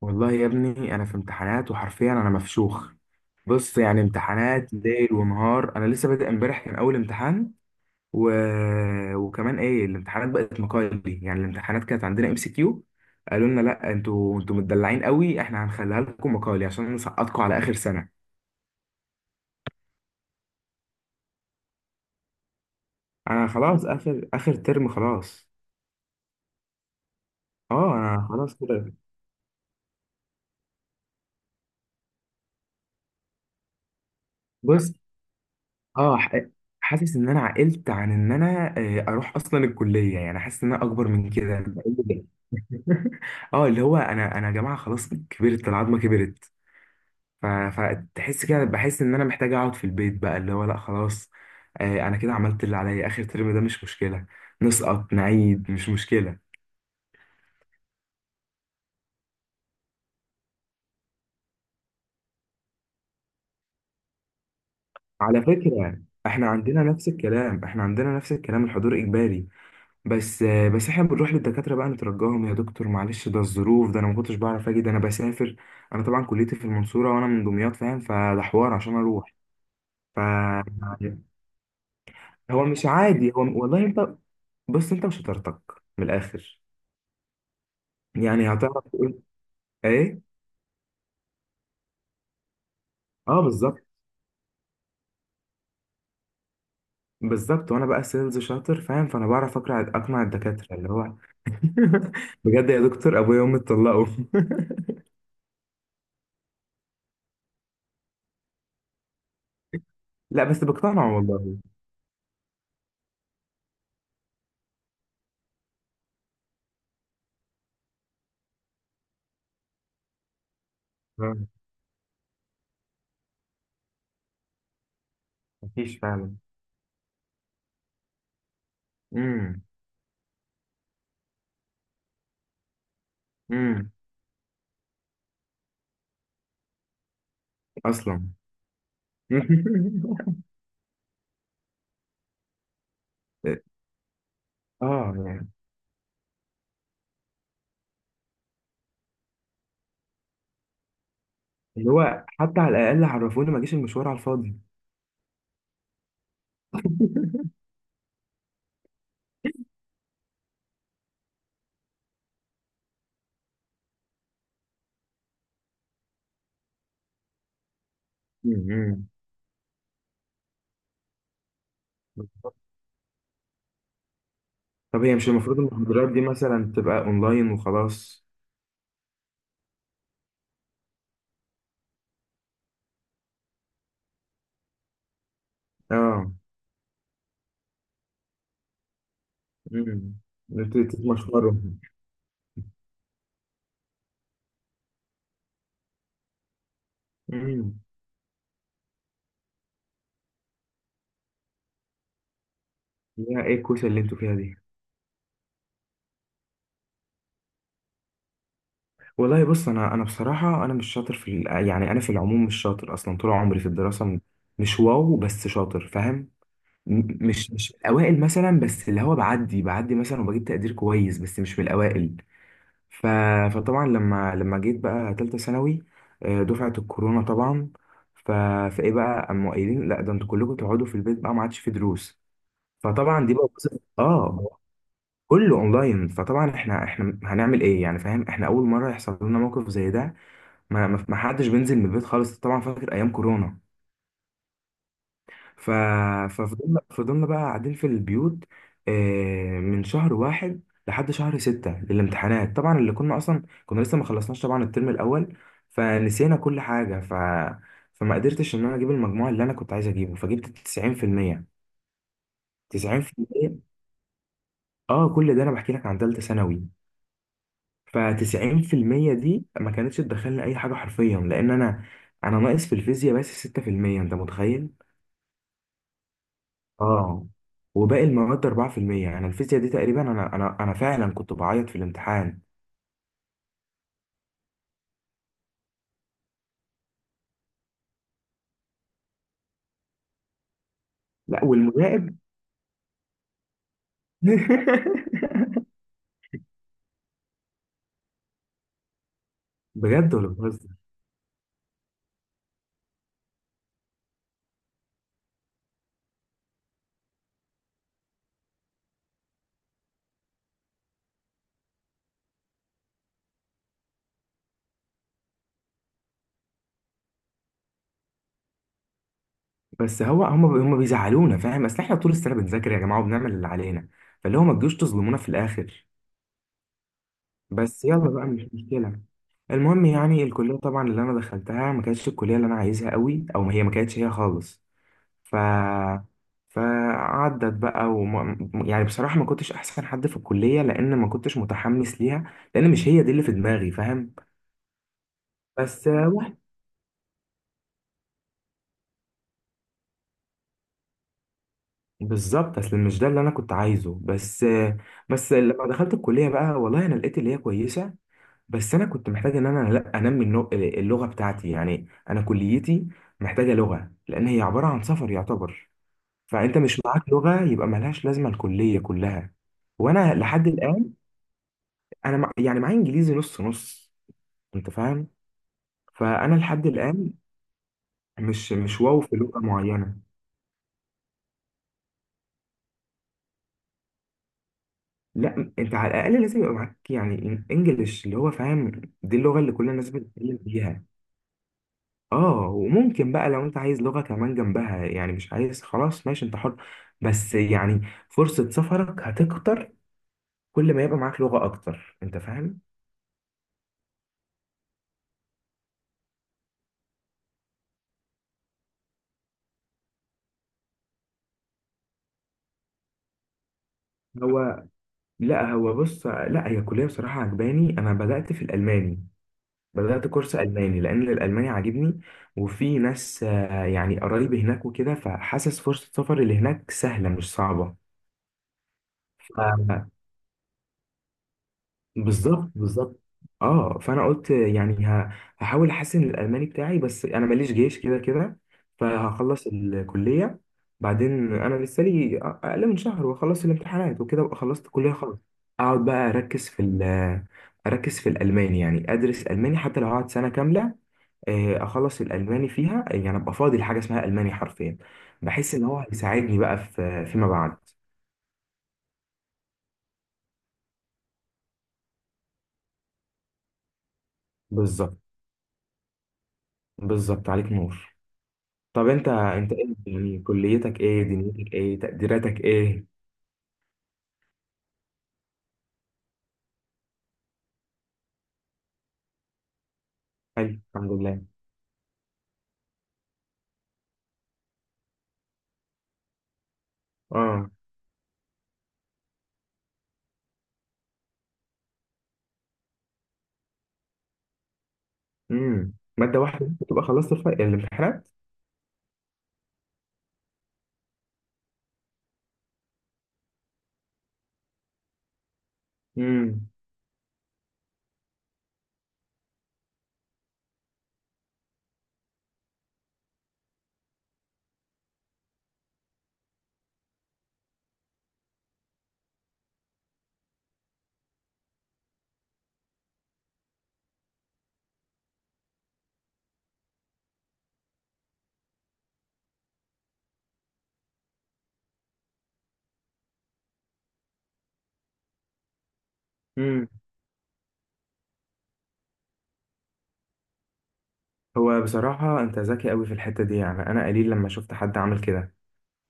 والله يا ابني انا في امتحانات، وحرفيا انا مفشوخ. بص، يعني امتحانات ليل ونهار. انا لسه بادئ، امبارح كان اول امتحان. و... وكمان ايه، الامتحانات بقت مقالي. يعني الامتحانات كانت عندنا ام سي كيو، قالوا لنا لا، انتوا متدلعين قوي، احنا هنخليها لكم مقالي عشان نسقطكم على اخر سنة. انا خلاص، اخر اخر ترم خلاص. اه، انا خلاص كده. بص، اه ح- حاسس ان انا عقلت عن ان انا، اروح اصلا الكليه. يعني حاسس ان انا اكبر من كده. أنا بقول إيه ده؟ اه، اللي هو انا يا جماعه خلاص، كبرت العظمه كبرت. فتحس كده، بحس ان انا محتاج اقعد في البيت بقى. اللي هو لا خلاص، انا كده عملت اللي عليا. اخر ترم ده مش مشكله، نسقط نعيد مش مشكله. على فكره، احنا عندنا نفس الكلام، الحضور اجباري. بس احنا بنروح للدكاتره بقى نترجاهم، يا دكتور معلش ده الظروف، ده انا ما كنتش بعرف اجي، ده انا بسافر. انا طبعا كليتي في المنصوره وانا من دمياط، فاهم؟ فده حوار عشان اروح. ف هو مش عادي، هو والله انت، بص انت وشطارتك. من الاخر، يعني هتعرف تقول. ايه، اه بالظبط. بالظبط، وانا بقى سيلز شاطر فاهم، فانا بعرف اقنع الدكاتره. اللي هو بجد يا دكتور ابويا وامي اتطلقوا. لا بس بقتنع والله. آه، مفيش فعلا. امم. إمم. اصلا اه، يعني اللي هو حتى على الاقل عرفوني، ما جيش المشوار على الفاضي. مم. طب هي مش المفروض المحاضرات دي مثلا تبقى اونلاين وخلاص؟ اه. امم تتمشمروا. امم. يا ايه الكوسه اللي انتوا فيها دي. والله بص، انا بصراحه انا مش شاطر في يعني انا في العموم مش شاطر اصلا، طول عمري في الدراسه مش واو، بس شاطر فاهم. مش اوائل مثلا، بس اللي هو بعدي بعدي مثلا، وبجيب تقدير كويس بس مش من الاوائل. ف... فطبعا لما جيت بقى تالتة ثانوي، دفعة الكورونا طبعا. ف... فايه بقى، قاموا قايلين لا، ده انتوا كلكم تقعدوا في البيت بقى، ما عادش في دروس. فطبعا دي بقى اه، كله اونلاين. فطبعا احنا هنعمل ايه يعني، فاهم؟ احنا اول مرة يحصل لنا موقف زي ده. ما حدش بينزل من البيت خالص طبعا، فاكر ايام كورونا. ف... ففضلنا بقى قاعدين في البيوت، من شهر واحد لحد شهر ستة للامتحانات طبعا، اللي كنا أصلا كنا لسه ما خلصناش طبعا الترم الأول، فنسينا كل حاجة. فما قدرتش إن أنا أجيب المجموع اللي أنا كنت عايز أجيبه، فجبت 90%. آه، كل ده أنا بحكي لك عن تالتة ثانوي. ف 90% دي ما كانتش تدخلني أي حاجة حرفيا، لأن أنا ناقص في الفيزياء بس 6%. أنت متخيل؟ اه، وباقي المواد 4%. انا الفيزياء دي تقريبا، انا فعلا كنت بعيط في الامتحان. لا والمراقب. بجد ولا بهزر؟ بس هو، هم بيزعلونا فاهم، اصل احنا طول السنه بنذاكر يا جماعه، وبنعمل اللي علينا، فاللي هو ما تجوش تظلمونا في الاخر. بس يلا بقى، مش مشكله. المهم، يعني الكليه طبعا اللي انا دخلتها، ما كانتش الكليه اللي انا عايزها قوي، او ما هي ما كانتش هي خالص. ف يعني بصراحة ما كنتش أحسن حد في الكلية، لأن ما كنتش متحمس ليها، لأن مش هي دي اللي في دماغي فاهم. بس واحد، بالظبط، أصل مش ده اللي أنا كنت عايزه. بس، بس لما دخلت الكلية بقى، والله أنا لقيت اللي هي كويسة، بس أنا كنت محتاج إن أنا لا أنمي اللغة بتاعتي. يعني أنا كليتي محتاجة لغة، لأن هي عبارة عن سفر يعتبر. فأنت مش معاك لغة، يبقى ملهاش لازمة الكلية كلها. وأنا لحد الآن، يعني معايا انجليزي نص نص، انت فاهم. فانا لحد الان مش واو في لغه معينه. لا، انت على الاقل لازم يبقى معاك يعني انجليش، اللي هو فاهم دي اللغه اللي كل الناس بتتكلم بيها. اه، وممكن بقى لو انت عايز لغه كمان جنبها يعني، مش عايز خلاص ماشي انت حر. بس يعني فرصه سفرك هتكتر، كل ما يبقى معاك لغه اكتر انت فاهم. هو لا هو بص، لا هي الكليه بصراحه عجباني، انا بدات في الالماني. بدأت كورس ألماني لأن الألماني عاجبني. وفي ناس، يعني قرايبي هناك وكده، فحاسس فرصة سفري لهناك سهلة مش صعبة. ف- بالظبط بالظبط. اه، فأنا قلت يعني، هحاول أحسن الألماني بتاعي، بس أنا ماليش جيش كده كده، فهخلص الكلية. بعدين أنا لسه لي أقل من شهر وأخلص الامتحانات وكده، وأبقى خلصت الكلية خلاص. أقعد بقى أركز في الألماني، يعني أدرس ألماني حتى لو هقعد سنة كاملة. اخلص الالماني فيها، يعني ابقى فاضي لحاجه اسمها الماني حرفيا. بحس ان هو هيساعدني بقى في فيما بعد. بالظبط بالظبط، عليك نور. طب انت، ايه يعني؟ كليتك ايه؟ دنيتك ايه؟ تقديراتك ايه؟ حلو، الحمد لله. اه. امم، ماده واحده بس تبقى خلصت الامتحانات. امم. امم. هو بصراحه انت ذكي قوي في الحته دي، يعني انا قليل لما شفت حد عامل كده،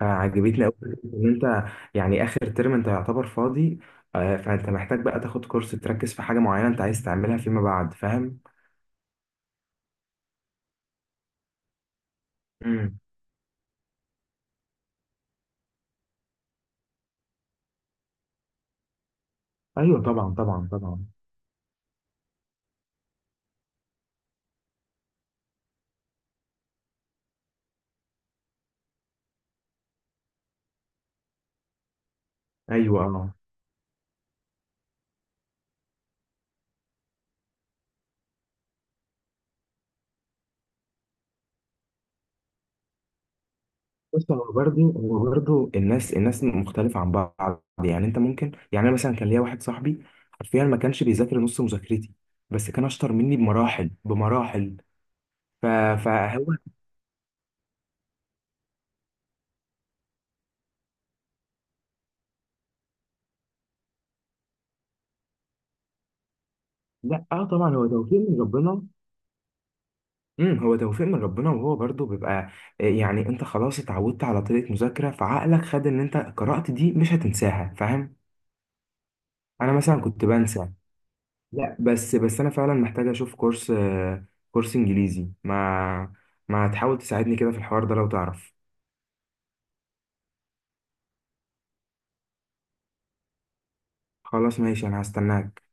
فعجبتني قوي ان انت، يعني اخر ترم انت يعتبر فاضي، فانت محتاج بقى تاخد كورس، تركز في حاجه معينه انت عايز تعملها فيما بعد، فاهم. امم. ايوه طبعا طبعا طبعا. ايوه، اه. بص، هو برضه الناس، مختلفه عن بعض. يعني انت ممكن، يعني انا مثلا كان ليا واحد صاحبي، حرفيا ما كانش بيذاكر نص مذاكرتي، بس كان اشطر مني بمراحل بمراحل. ف... فهو لا، اه طبعا هو توفيق من ربنا. امم، هو توفيق من ربنا، وهو برضو بيبقى، يعني انت خلاص اتعودت على طريقة مذاكرة، فعقلك خد ان انت قرأت دي مش هتنساها، فاهم. انا مثلا كنت بنسى. لا، بس انا فعلا محتاج اشوف كورس، كورس انجليزي. ما تحاول تساعدني كده في الحوار ده لو تعرف. خلاص ماشي، انا هستناك.